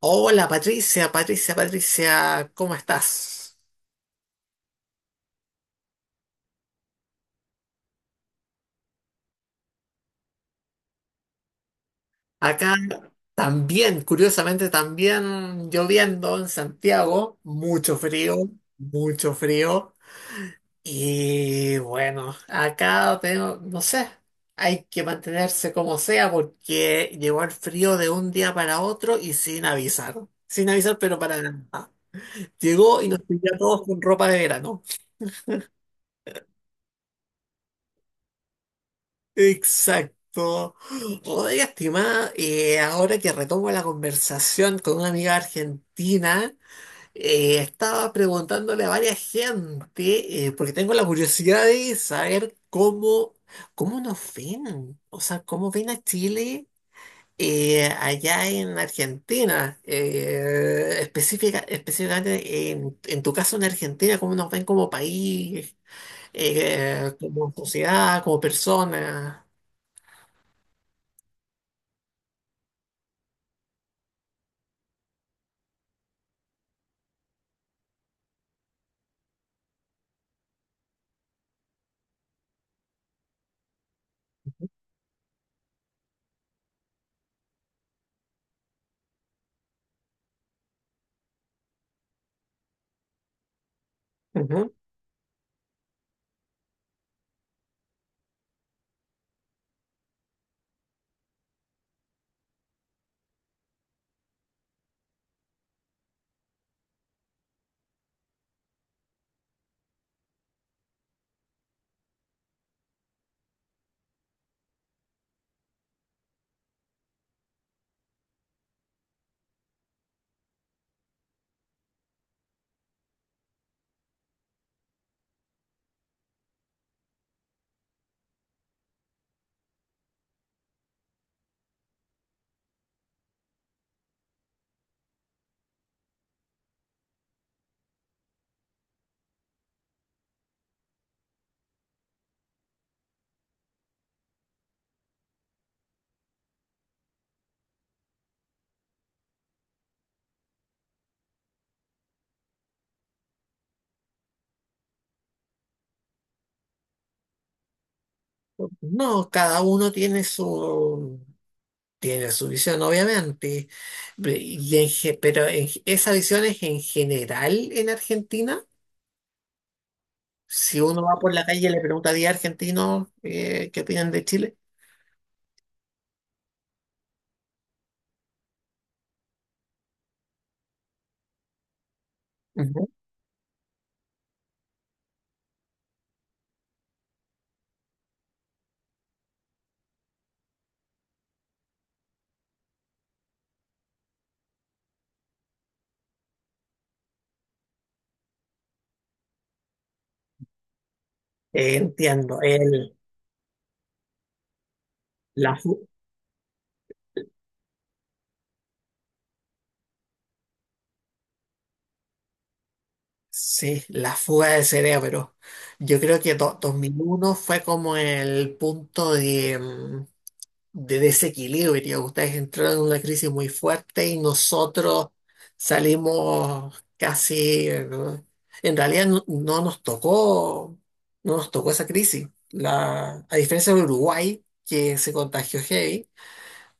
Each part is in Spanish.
Hola Patricia, ¿cómo estás? Acá también, curiosamente, también lloviendo en Santiago, mucho frío, mucho frío. Y bueno, acá tengo, no sé, hay que mantenerse como sea porque llegó el frío de un día para otro y sin avisar, sin avisar, pero para nada. Llegó y nos pilló a todos con ropa de verano. Exacto. Oiga, estimada, ahora que retomo la conversación con una amiga argentina, estaba preguntándole a varias gente, porque tengo la curiosidad de saber cómo nos ven, o sea, cómo ven a Chile allá en Argentina, específicamente en tu caso en Argentina, cómo nos ven como país, como sociedad, como personas. Ujú. No, cada uno tiene tiene su visión, obviamente. Pe- y en ge- pero en ge- Esa visión es en general en Argentina. Si uno va por la calle y le pregunta a 10 argentinos qué opinan de Chile. Ujú. Entiendo, el, la, fu- Sí, la fuga de cerebro. Yo creo que 2001 fue como el punto de de desequilibrio. Ustedes entraron en una crisis muy fuerte y nosotros salimos casi, ¿no? En realidad no nos tocó, no nos tocó esa crisis. A diferencia de Uruguay, que se contagió heavy,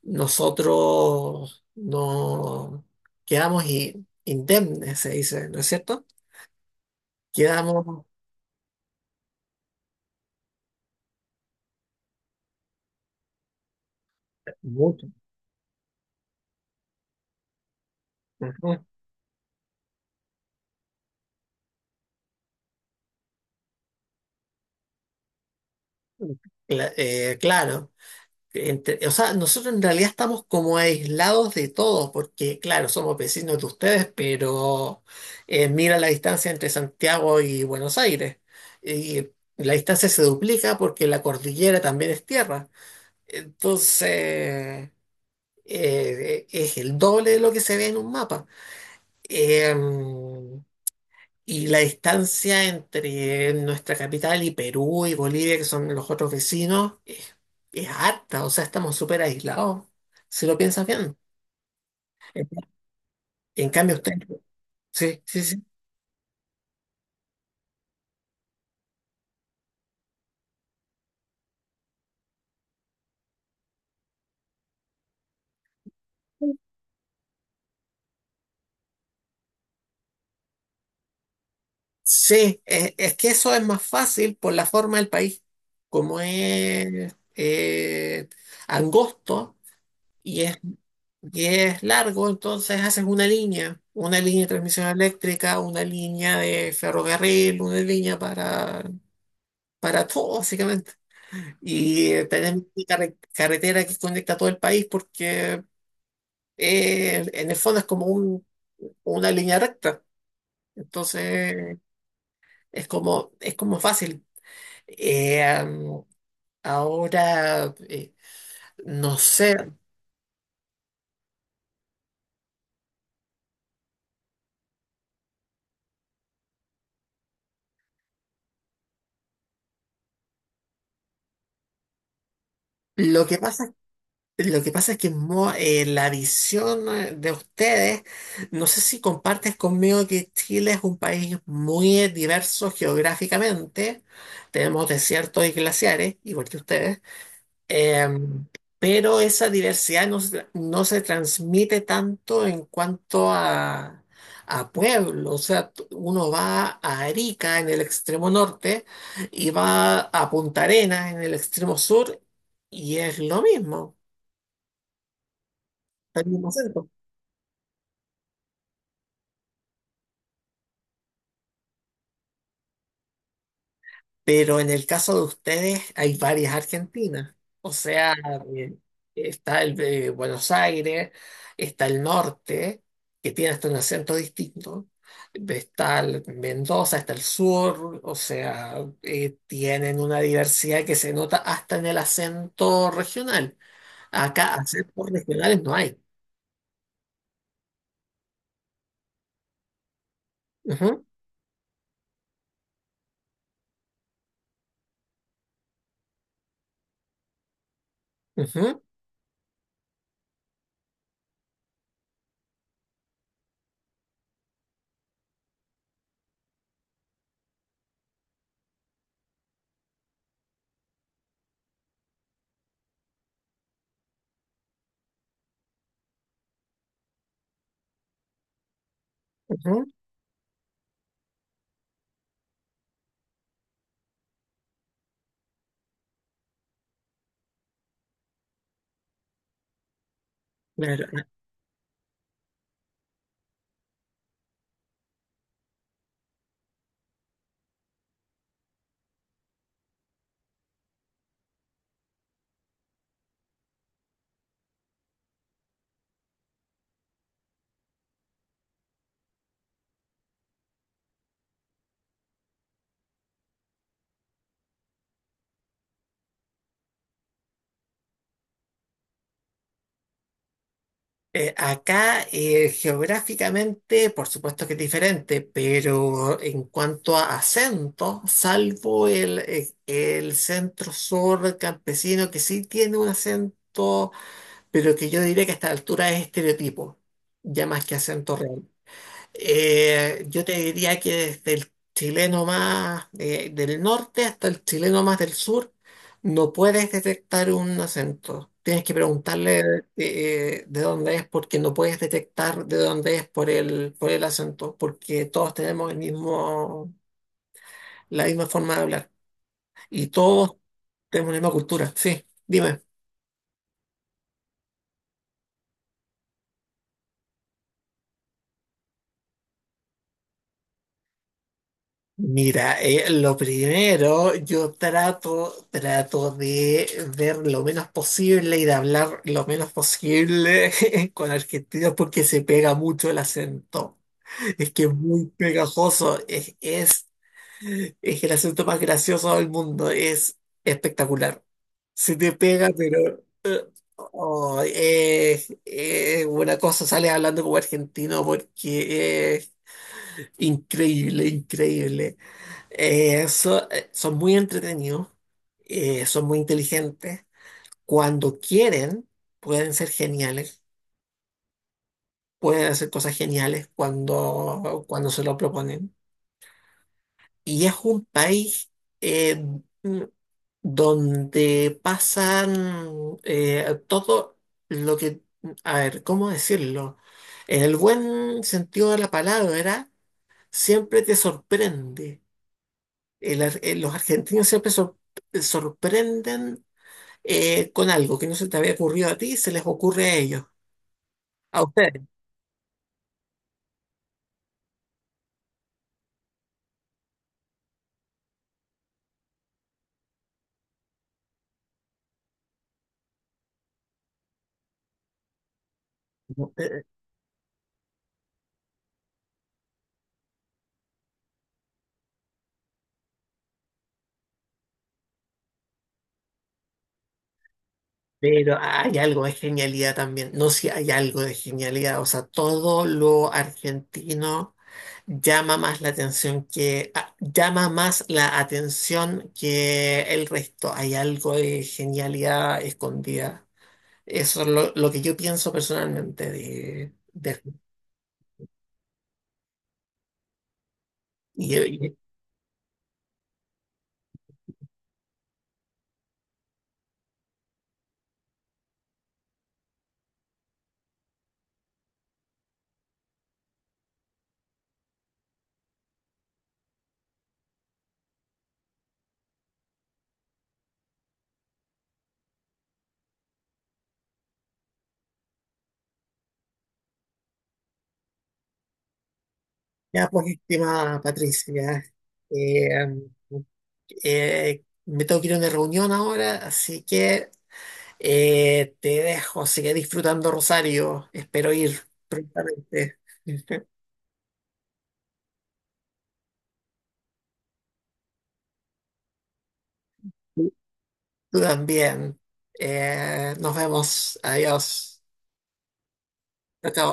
nosotros no quedamos indemnes, se dice, ¿no es cierto? Quedamos mucho. Ujú. Claro. O sea, nosotros en realidad estamos como aislados de todos, porque claro, somos vecinos de ustedes, pero mira la distancia entre Santiago y Buenos Aires. Y la distancia se duplica porque la cordillera también es tierra. Entonces, eh, es el doble de lo que se ve en un mapa. Eh, y la distancia entre nuestra capital y Perú y Bolivia, que son los otros vecinos, es harta, o sea, estamos súper aislados, si lo piensas bien. En en cambio, usted, sí, sí, sí. Sí, es que eso es más fácil por la forma del país, como es angosto y es, y es largo, entonces haces una línea de transmisión eléctrica, una línea de ferrocarril, una línea para todo, básicamente. Y tenemos una carretera que conecta todo el país porque en el fondo es como una línea recta. Entonces es como fácil. Eh, am, ahora, no sé, lo que pasa lo que pasa es que la visión de ustedes, no sé si compartes conmigo que Chile es un país muy diverso geográficamente, tenemos desiertos y glaciares, igual que ustedes, em, pero esa diversidad no se transmite tanto en cuanto a pueblo, o sea, uno va a Arica en el extremo norte y va a Punta Arenas en el extremo sur y es lo mismo. Está el mismo acento. Pero en el caso de ustedes hay varias Argentinas. O sea, eh, está el de Buenos Aires, está el norte, que tiene hasta un acento distinto. Está el Mendoza, está el sur, o sea, tienen una diversidad que se nota hasta en el acento regional. Acá acentos regionales no hay. Ujú, ujú, ujú, claro. Acá geográficamente, por supuesto que es diferente, pero en cuanto a acento, salvo el centro sur campesino que sí tiene un acento, pero que yo diría que a esta altura es estereotipo, ya más que acento real. Yo te diría que desde el chileno más del norte hasta el chileno más del sur, no puedes detectar un acento. Tienes que preguntarle de dónde es porque no puedes detectar de dónde es por el acento, porque todos tenemos el mismo, la misma forma de hablar y todos tenemos la misma cultura. Sí, dime. Mira, lo primero, yo trato de ver lo menos posible y de hablar lo menos posible con argentinos porque se pega mucho el acento. Es que es muy pegajoso, es el acento más gracioso del mundo, es espectacular. Se te pega, pero oh, es una cosa, sales hablando como argentino porque es increíble, increíble. Son muy entretenidos, son muy inteligentes. Cuando quieren, pueden ser geniales, pueden hacer cosas geniales cuando, cuando se lo proponen. Y es un país eh, mm, donde pasan todo lo que, a ver, ¿cómo decirlo? En el buen sentido de la palabra, siempre te sorprende. Los argentinos siempre sorprenden con algo que no se te había ocurrido a ti, se les ocurre a ellos, a ustedes. ¿No? Pero hay algo de genialidad también, no si hay algo de genialidad, o sea, todo lo argentino llama más la atención que llama más la atención que el resto. Hay algo de genialidad escondida. Eso es lo que yo pienso personalmente de- y, y- ya pues, estimada Patricia, eh, me tengo que ir a una reunión ahora, así que te dejo. Sigue disfrutando Rosario. Espero ir prontamente. Tú también. Nos vemos. Adiós. Chao, chao.